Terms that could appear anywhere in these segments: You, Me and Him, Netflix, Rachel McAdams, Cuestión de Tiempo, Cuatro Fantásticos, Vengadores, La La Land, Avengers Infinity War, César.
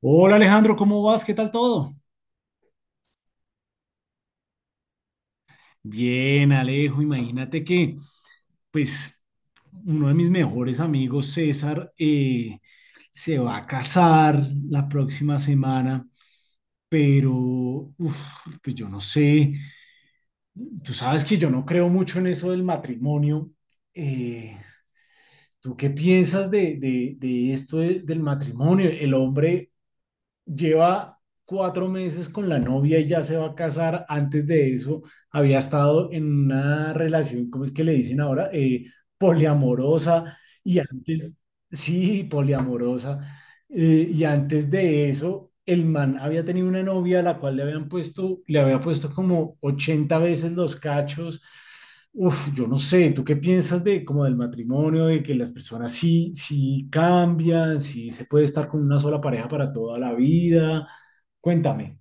Hola Alejandro, ¿cómo vas? ¿Qué tal todo? Bien, Alejo, imagínate pues, uno de mis mejores amigos, César, se va a casar la próxima semana, pero, uf, pues yo no sé, tú sabes que yo no creo mucho en eso del matrimonio. Eh, ¿tú qué piensas de esto del matrimonio? El hombre lleva 4 meses con la novia y ya se va a casar. Antes de eso, había estado en una relación. ¿Cómo es que le dicen ahora? Poliamorosa. Y antes, sí, poliamorosa. Y antes de eso, el man había tenido una novia a la cual le había puesto como 80 veces los cachos. Uf, yo no sé, ¿tú qué piensas de como del matrimonio, de que las personas sí, sí cambian, sí se puede estar con una sola pareja para toda la vida? Cuéntame.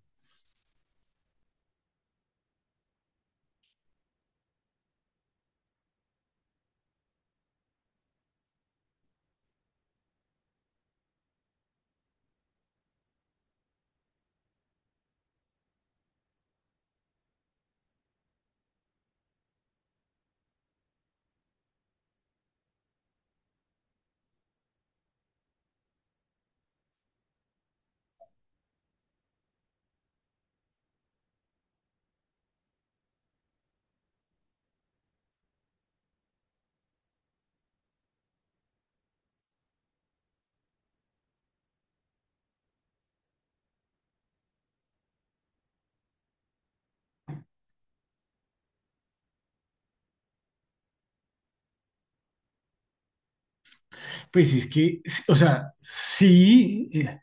Pues es que, o sea, sí,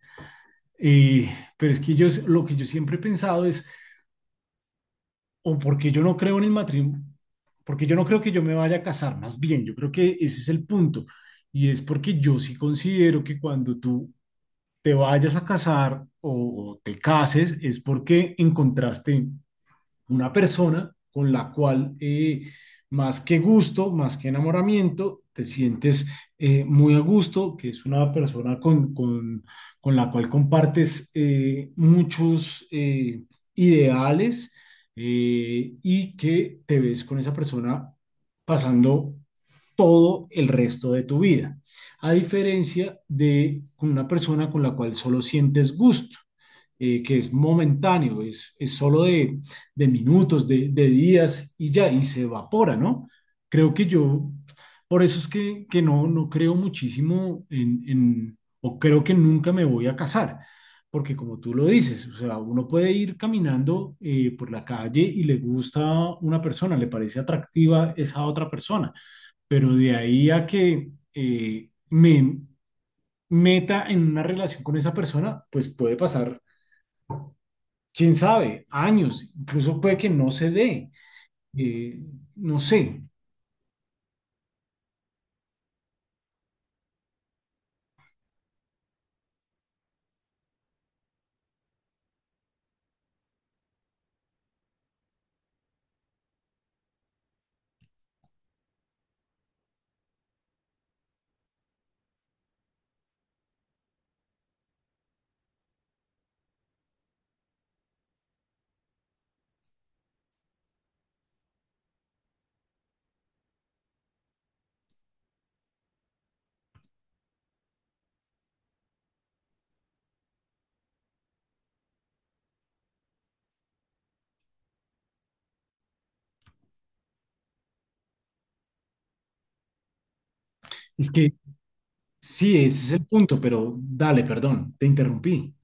eh, pero es que lo que yo siempre he pensado es o porque yo no creo en el matrimonio, porque yo no creo que yo me vaya a casar. Más bien, yo creo que ese es el punto. Y es porque yo sí considero que cuando tú te vayas a casar o te cases es porque encontraste una persona con la cual más que gusto, más que enamoramiento, te sientes muy a gusto, que es una persona con la cual compartes muchos ideales, y que te ves con esa persona pasando todo el resto de tu vida, a diferencia de una persona con la cual solo sientes gusto, que es momentáneo. Es solo de minutos, de días, y ya, y se evapora, ¿no? Creo que yo, por eso es que no creo muchísimo o creo que nunca me voy a casar, porque como tú lo dices, o sea, uno puede ir caminando por la calle y le gusta una persona, le parece atractiva esa otra persona, pero de ahí a que me meta en una relación con esa persona, pues puede pasar, quién sabe, años, incluso puede que no se dé. Eh, no sé, es que sí, ese es el punto, pero dale, perdón, te interrumpí.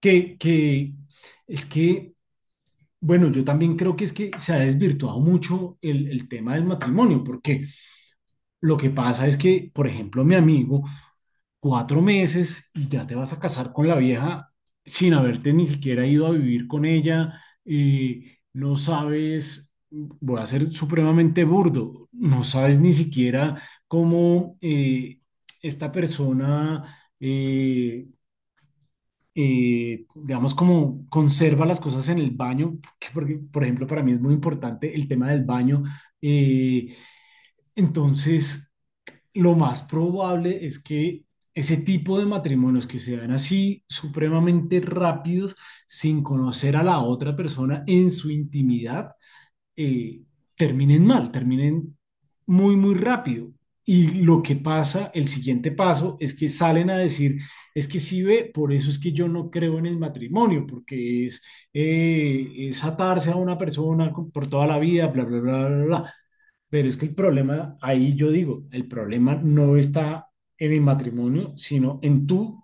Que es que, bueno, yo también creo que es que se ha desvirtuado mucho el tema del matrimonio, porque lo que pasa es que, por ejemplo, mi amigo, 4 meses y ya te vas a casar con la vieja sin haberte ni siquiera ido a vivir con ella. No sabes, voy a ser supremamente burdo, no sabes ni siquiera cómo esta persona, digamos, como conserva las cosas en el baño, que porque, por ejemplo, para mí es muy importante el tema del baño. eh, entonces... lo más probable es que ese tipo de matrimonios que se dan así supremamente rápidos, sin conocer a la otra persona en su intimidad, eh, terminen mal, terminen muy, muy rápido. Y lo que pasa, el siguiente paso, es que salen a decir, es que sí ve, por eso es que yo no creo en el matrimonio, porque es atarse a una persona por toda la vida, bla, bla, bla, bla, bla. Pero es que el problema, ahí yo digo, el problema no está en el matrimonio, sino en tú,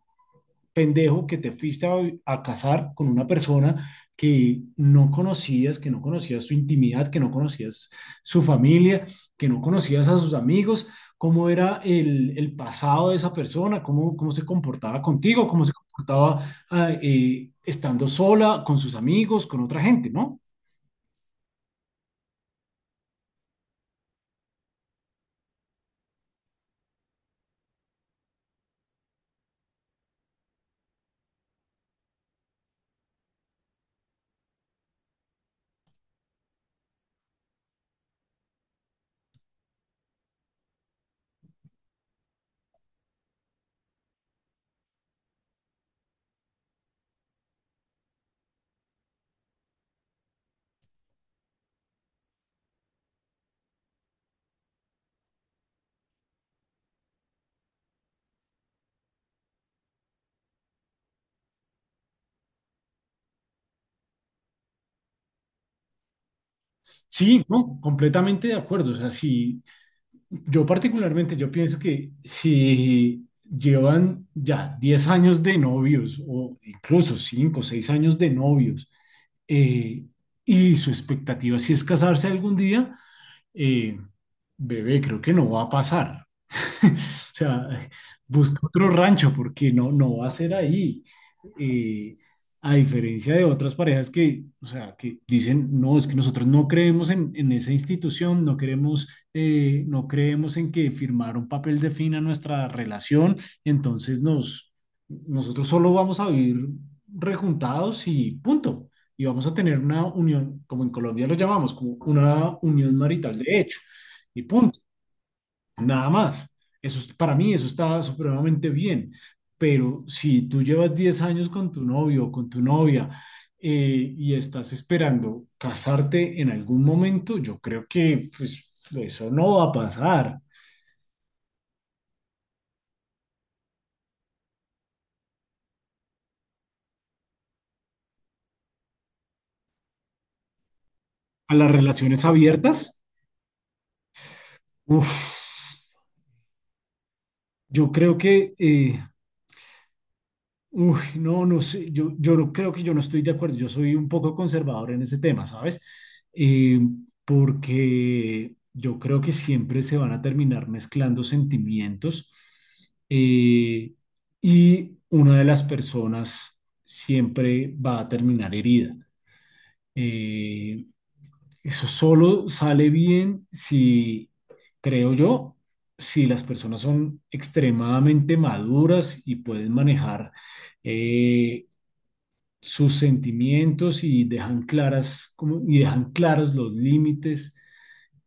pendejo, que te fuiste a casar con una persona que no conocías su intimidad, que no conocías su familia, que no conocías a sus amigos, cómo era el pasado de esa persona, cómo, cómo se comportaba contigo, cómo se comportaba estando sola, con sus amigos, con otra gente, ¿no? Sí, no, completamente de acuerdo. O sea, si yo particularmente, yo pienso que si llevan ya 10 años de novios o incluso 5 o 6 años de novios, eh, y su expectativa si es casarse algún día, eh, bebé, creo que no va a pasar. O sea, busca otro rancho porque no, no va a ser ahí, eh, a diferencia de otras parejas que, o sea, que dicen, no, es que nosotros no creemos en esa institución, no queremos, no creemos en que firmar un papel defina nuestra relación, entonces nos, nosotros solo vamos a vivir rejuntados y punto. Y vamos a tener una unión, como en Colombia lo llamamos, como una unión marital de hecho, y punto. Nada más. Eso es- para mí eso está supremamente bien. Pero si tú llevas 10 años con tu novio o con tu novia, y estás esperando casarte en algún momento, yo creo que pues, eso no va a pasar. A las relaciones abiertas, uf, yo creo que uy, no, no sé, yo no- creo que yo no estoy de acuerdo, yo soy un poco conservador en ese tema, ¿sabes? Eh, Porque yo creo que siempre se van a terminar mezclando sentimientos, eh, y una de las personas siempre va a terminar herida. Eh, Eso solo sale bien si, creo yo, si las personas son extremadamente maduras y pueden manejar eh, sus sentimientos y dejan claras como- y dejan claros los límites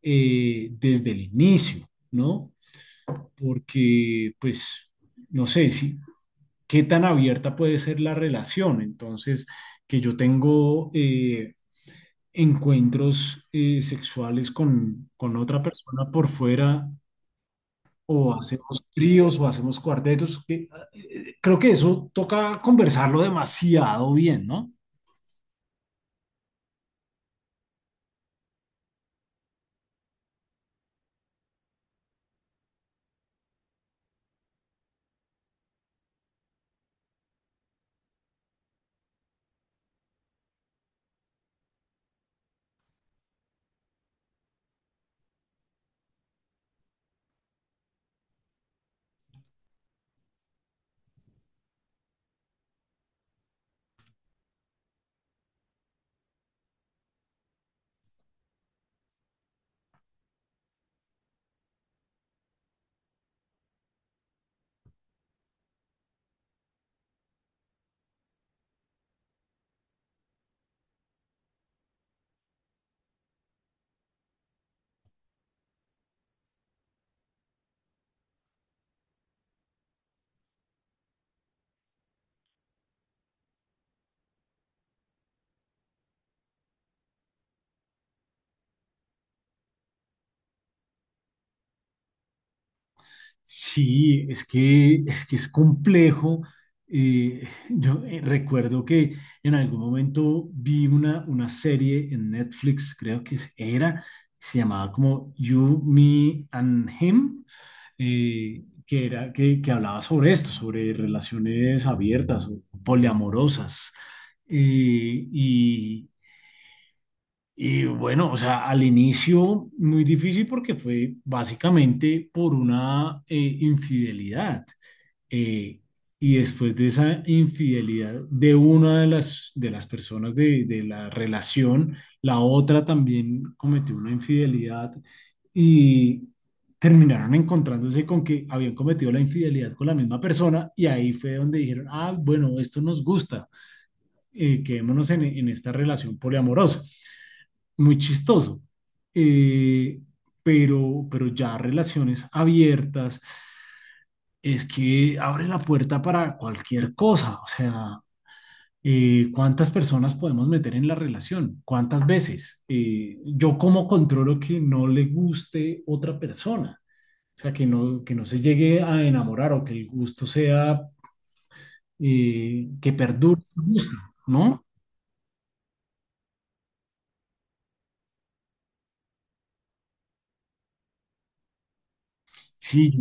desde el inicio, ¿no? Porque, pues, no sé si qué tan abierta puede ser la relación. Entonces, que yo tengo encuentros sexuales con otra persona por fuera. O hacemos tríos o hacemos cuartetos. Que- Creo que eso toca conversarlo demasiado bien, ¿no? Sí, es que es que es complejo. Yo recuerdo que en algún momento vi una serie en Netflix, creo que era, se llamaba como You, Me and Him, que era que hablaba sobre esto, sobre relaciones abiertas o poliamorosas. Y, y bueno, o sea, al inicio muy difícil porque fue básicamente por una infidelidad. Eh, y después de esa infidelidad de una de de las personas de la relación, la otra también cometió una infidelidad y terminaron encontrándose con que habían cometido la infidelidad con la misma persona, y ahí fue donde dijeron, ah, bueno, esto nos gusta, quedémonos en esta relación poliamorosa. Muy chistoso. Eh, pero ya relaciones abiertas, es que abre la puerta para cualquier cosa. O sea, ¿cuántas personas podemos meter en la relación? ¿Cuántas veces? ¿Eh, yo cómo controlo que no le guste otra persona? O sea, que no se llegue a enamorar o que el gusto sea, que perdure su gusto, ¿no? Sí,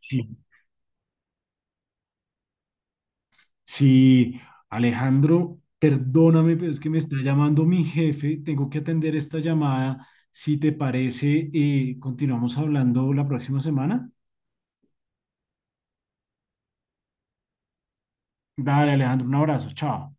sí, sí, Alejandro, perdóname, pero es que me está llamando mi jefe. Tengo que atender esta llamada. Si te parece, continuamos hablando la próxima semana. Dale, Alejandro, un abrazo. Chao.